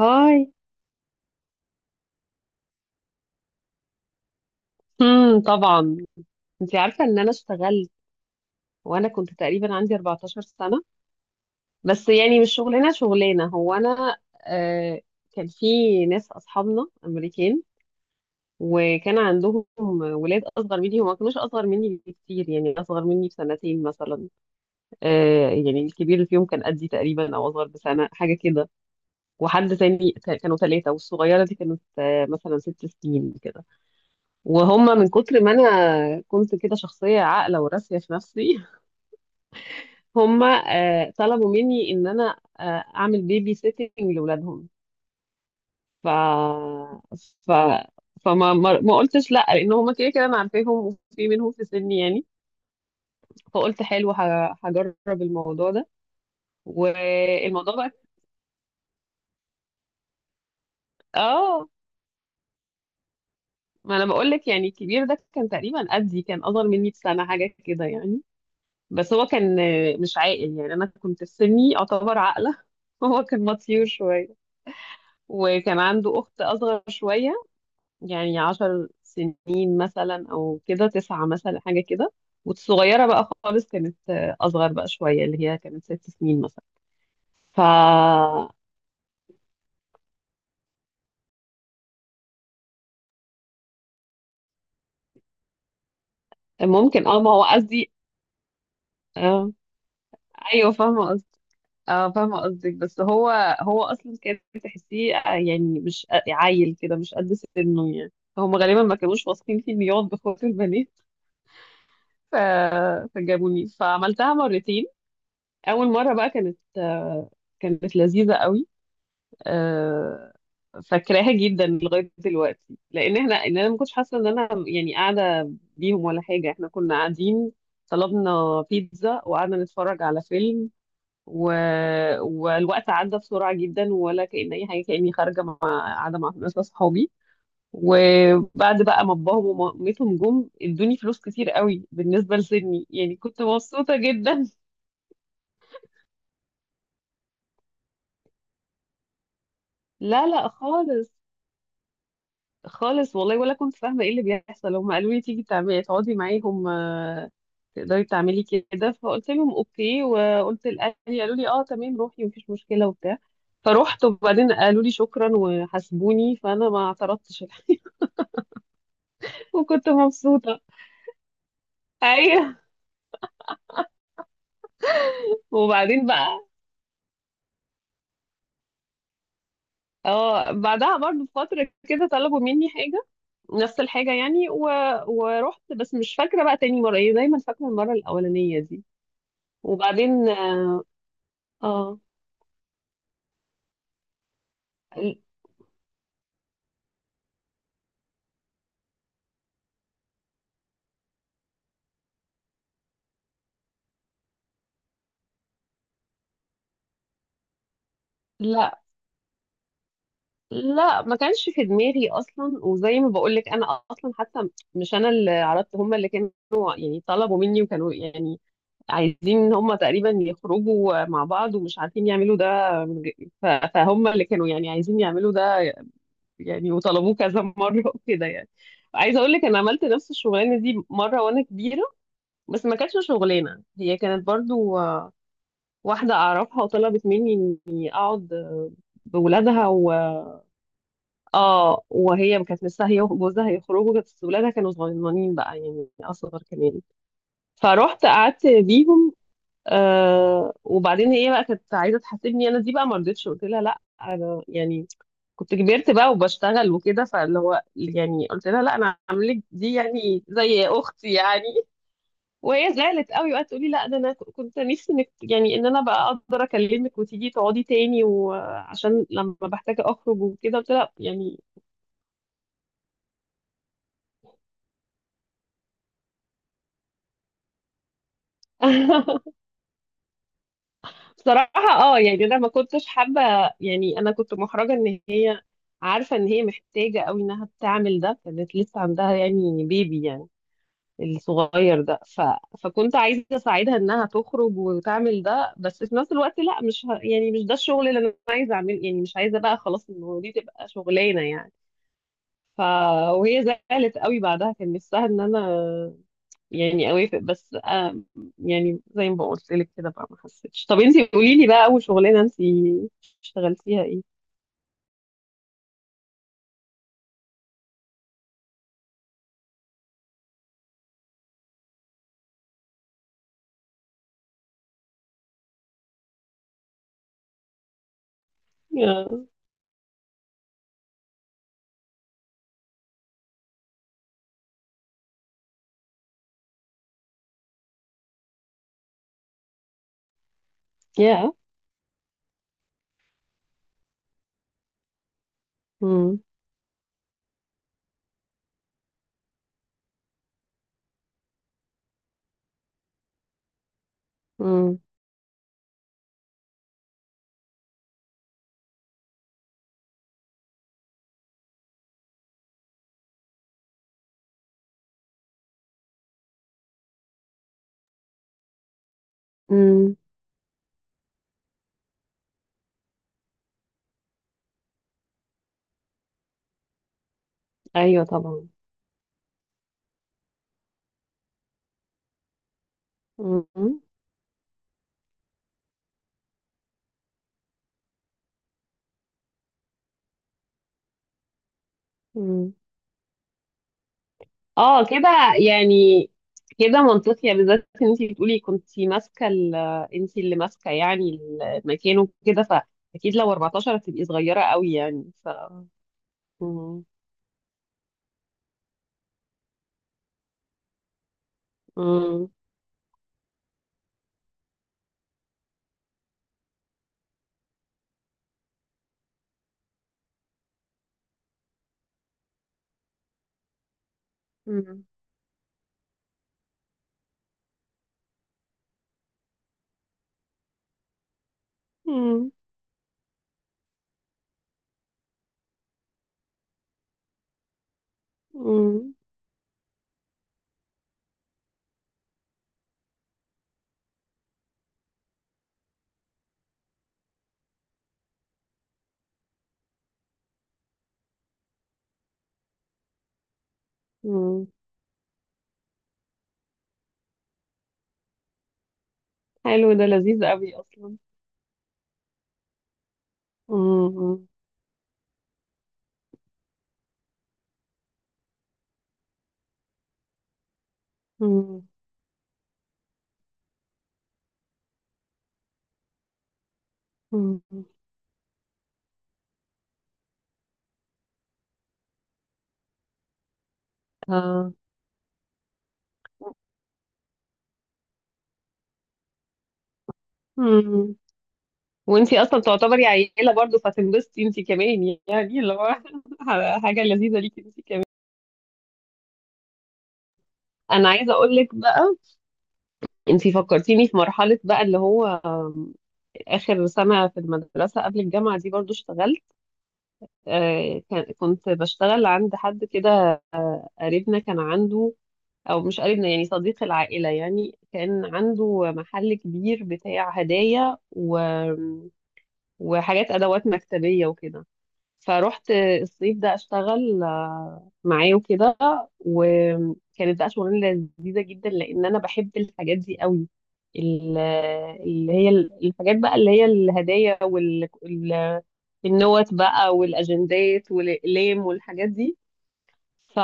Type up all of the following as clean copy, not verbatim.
هاي. طبعا. انت عارفه ان انا اشتغلت، وانا كنت تقريبا عندي 14 سنه. بس يعني مش شغلانه هو انا، آه كان في ناس اصحابنا امريكان، وكان عندهم ولاد اصغر مني، وما كانوش اصغر مني بكتير، يعني اصغر مني بسنتين مثلا. آه يعني الكبير اللي فيهم كان قدي تقريبا او اصغر بسنه حاجه كده، وحد تاني كانوا ثلاثه، والصغيره دي كانت آه مثلا ست سنين كده. وهم من كتر ما انا كنت كده شخصيه عاقله وراسيه في نفسي هم طلبوا مني ان انا اعمل بيبي سيتنج لاولادهم. ف ف فما ما ما قلتش لا، لان هم كده كده انا عارفاهم، وفي منهم في سني يعني. فقلت حلو، هجرب الموضوع ده. والموضوع بقى، اه ما انا بقول لك يعني الكبير ده كان تقريبا قدي، كان اصغر مني بسنه حاجه كده يعني. بس هو كان مش عاقل، يعني انا كنت في سني اعتبر عاقله هو كان مطيور شويه. وكان عنده اخت اصغر شويه، يعني عشر سنين مثلا او كده تسعة مثلا حاجه كده. والصغيره بقى خالص كانت اصغر بقى شويه، اللي هي كانت ست سنين مثلا. فممكن. اه، ما هو قصدي. آه. ايوه، فاهمه. اه فاهمة قصدك، بس هو، هو أصلا كان تحسيه يعني مش عيل كده، مش قد سنه يعني. هم غالبا ما كانوش واثقين فيه إنه يقعد بخوت البنات. ف... فجابوني، فعملتها مرتين. أول مرة بقى كانت كانت لذيذة قوي. آه، فاكراها جدا لغاية دلوقتي، لأن احنا إن أنا ما كنتش حاسة إن أنا يعني قاعدة بيهم ولا حاجة، احنا كنا قاعدين، طلبنا بيتزا وقعدنا نتفرج على فيلم. و... والوقت عدى بسرعة جدا، ولا كأن أي حاجة، كأني خارجة مع، قاعدة مع ناس أصحابي. وبعد بقى ما باباهم ومامتهم جم، ادوني فلوس كتير قوي بالنسبة لسني، يعني كنت مبسوطة جدا لا، لا، خالص. خالص والله، ولا كنت فاهمة ايه اللي بيحصل. هم قالوا لي تيجي تعملي تقعدي معاهم تقدري تعملي كده، فقلت لهم اوكي، وقلت لأهلي، قالوا لي اه تمام روحي مفيش مشكلة وبتاع. فروحت، وبعدين قالوا لي شكرا وحاسبوني، فانا ما اعترضتش وكنت مبسوطة. ايوه. وبعدين بقى، اه بعدها برضه بفترة كده طلبوا مني حاجة، نفس الحاجة يعني. ورحت، بس مش فاكرة بقى تاني مرة ايه، دايما فاكرة المرة الأولانية دي. وبعدين، اه لا، لا ما كانش في دماغي اصلا، وزي ما بقول لك انا اصلا حتى مش انا اللي عرضت، هم اللي كانوا يعني طلبوا مني، وكانوا يعني عايزين ان هم تقريبا يخرجوا مع بعض ومش عارفين يعملوا ده. ف- فهم اللي كانوا يعني عايزين يعملوا ده يعني، وطلبوه كذا مرة وكده. يعني عايزة اقول لك انا عملت نفس الشغلانة دي مرة وانا كبيرة، بس ما كانتش شغلانة، هي كانت برضو واحدة اعرفها وطلبت مني اني اقعد بولادها اه. وهي كانت لسه هي وجوزها هيخرجوا، بس ولادها كانوا صغننين بقى يعني اصغر كمان. فروحت قعدت بيهم. آه، وبعدين هي بقى كانت عايزه تحاسبني، انا دي بقى ما رضيتش، قلت لها لا انا يعني كنت كبرت بقى وبشتغل وكده، فاللي هو يعني قلت لها لا انا هعمل لك دي يعني زي اختي يعني. وهي زعلت قوي وقعدت تقولي لا ده انا كنت نفسي انك، يعني ان انا بقى اقدر اكلمك وتيجي تقعدي تاني، وعشان لما بحتاج اخرج وكده، قلت لها يعني بصراحة. اه يعني انا ما كنتش حابة، يعني انا كنت محرجة ان هي عارفة ان هي محتاجة قوي انها تعمل ده، كانت لسه عندها يعني بيبي يعني الصغير ده. فكنت عايزة أساعدها إنها تخرج وتعمل ده، بس في نفس الوقت لا، مش ه... يعني مش ده الشغل اللي أنا عايزة أعمله، يعني مش عايزة بقى خلاص إنه دي تبقى شغلانة يعني. ف... وهي زعلت قوي بعدها، كان نفسها إن أنا يعني أوافق، بس آه يعني زي ما قلت لك كده بقى ما حسيتش. طب أنتي قولي لي بقى، أول شغلانة أنتي اشتغلتيها إيه؟ يا، يا، امم امم أمم. أيوه طبعا. امم، اه كده، يعني كده منطقي، بالذات ان انت بتقولي كنت ماسكه انت اللي ماسكه يعني المكان وكده، فاكيد لو 14 هتبقي صغيره قوي يعني ف، مم. مم. مم. مم. مم. مم. حلو ده لذيذ قوي اصلا. مم. مم. مم. اه. مم. وانتي اصلا تعتبري عيله برضو، فتنبسطي انتي كمان، يعني اللي هو حاجه لذيذه ليكي انتي كمان. انا عايزه اقول لك بقى، انتي فكرتيني في مرحلة بقى اللي هو آخر سنة في المدرسة قبل الجامعة، دي برضو اشتغلت كنت بشتغل عند حد كده قريبنا، كان عنده، أو مش قريبنا يعني صديق العائلة يعني، كان عنده محل كبير بتاع هدايا وحاجات أدوات مكتبية وكده. فروحت الصيف ده اشتغل معاه وكده. وكانت بقى شغلانه لذيذه جدا لان انا بحب الحاجات دي قوي. ال- اللي هي الحاجات بقى اللي هي الهدايا، والنوت بقى، والاجندات، والاقلام، والحاجات دي. ف...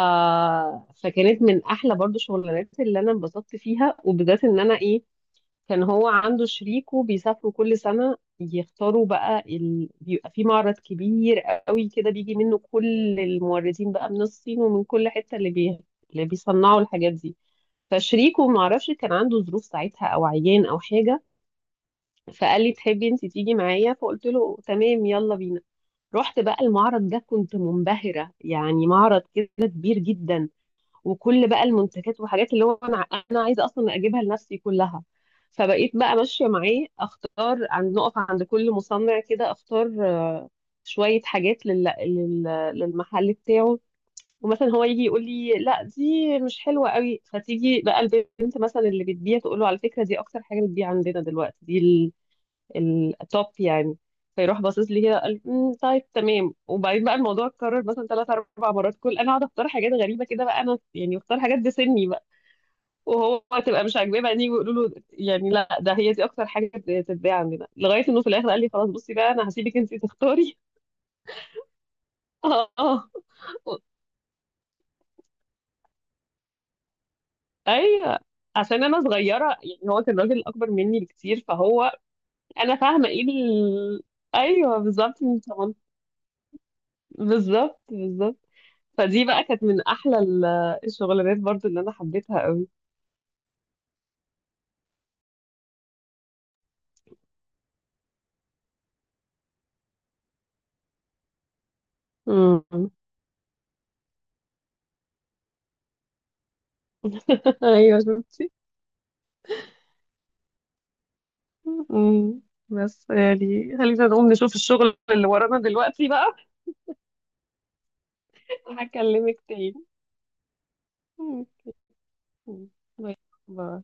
فكانت من احلى برضو الشغلانات اللي انا انبسطت فيها، وبالذات ان انا ايه، كان هو عنده شريكه بيسافروا كل سنة يختاروا بقى بيبقى في معرض كبير قوي كده، بيجي منه كل الموردين بقى من الصين ومن كل حتة اللي بيصنعوا الحاجات دي. فشريكه معرفش كان عنده ظروف ساعتها، او عيان او حاجة، فقال لي تحبي انت تيجي معايا، فقلت له تمام يلا بينا. رحت بقى المعرض ده، كنت منبهرة، يعني معرض كده كبير جدا، وكل بقى المنتجات وحاجات اللي هو انا عايزه اصلا اجيبها لنفسي كلها. فبقيت بقى ماشيه معاه اختار، عند، نقف عند كل مصنع كده اختار شويه حاجات للمحل بتاعه. ومثلا هو يجي يقول لي لا دي مش حلوه قوي، فتيجي بقى البنت مثلا اللي بتبيع تقول له على فكره دي اكتر حاجه بتبيع عندنا دلوقتي، دي التوب يعني. فيروح باصص لي كده قال طيب تمام". وبعدين بقى الموضوع اتكرر مثلا ثلاث اربع مرات، كل انا اقعد اختار حاجات غريبه كده بقى، انا يعني اختار حاجات بسني بقى، وهو تبقى مش عاجباه، بعدين يقولوا له يعني لا ده هي دي اكتر حاجه بتتباع عندنا، لغايه انه في الاخر قال لي خلاص بصي بقى انا هسيبك انت تختاري اه، اه، ايوه، عشان انا صغيره يعني، هو كان راجل اكبر مني بكتير فهو، انا فاهمه ايه ايوه بالظبط من 18، بالظبط بالظبط. فدي بقى كانت من احلى الشغلانات برضو اللي انا حبيتها قوي. مم. ايوه شفتي. مم. بس يعني خلينا نقوم نشوف الشغل اللي ورانا دلوقتي بقى. هكلمك تاني. مم. باي. باي.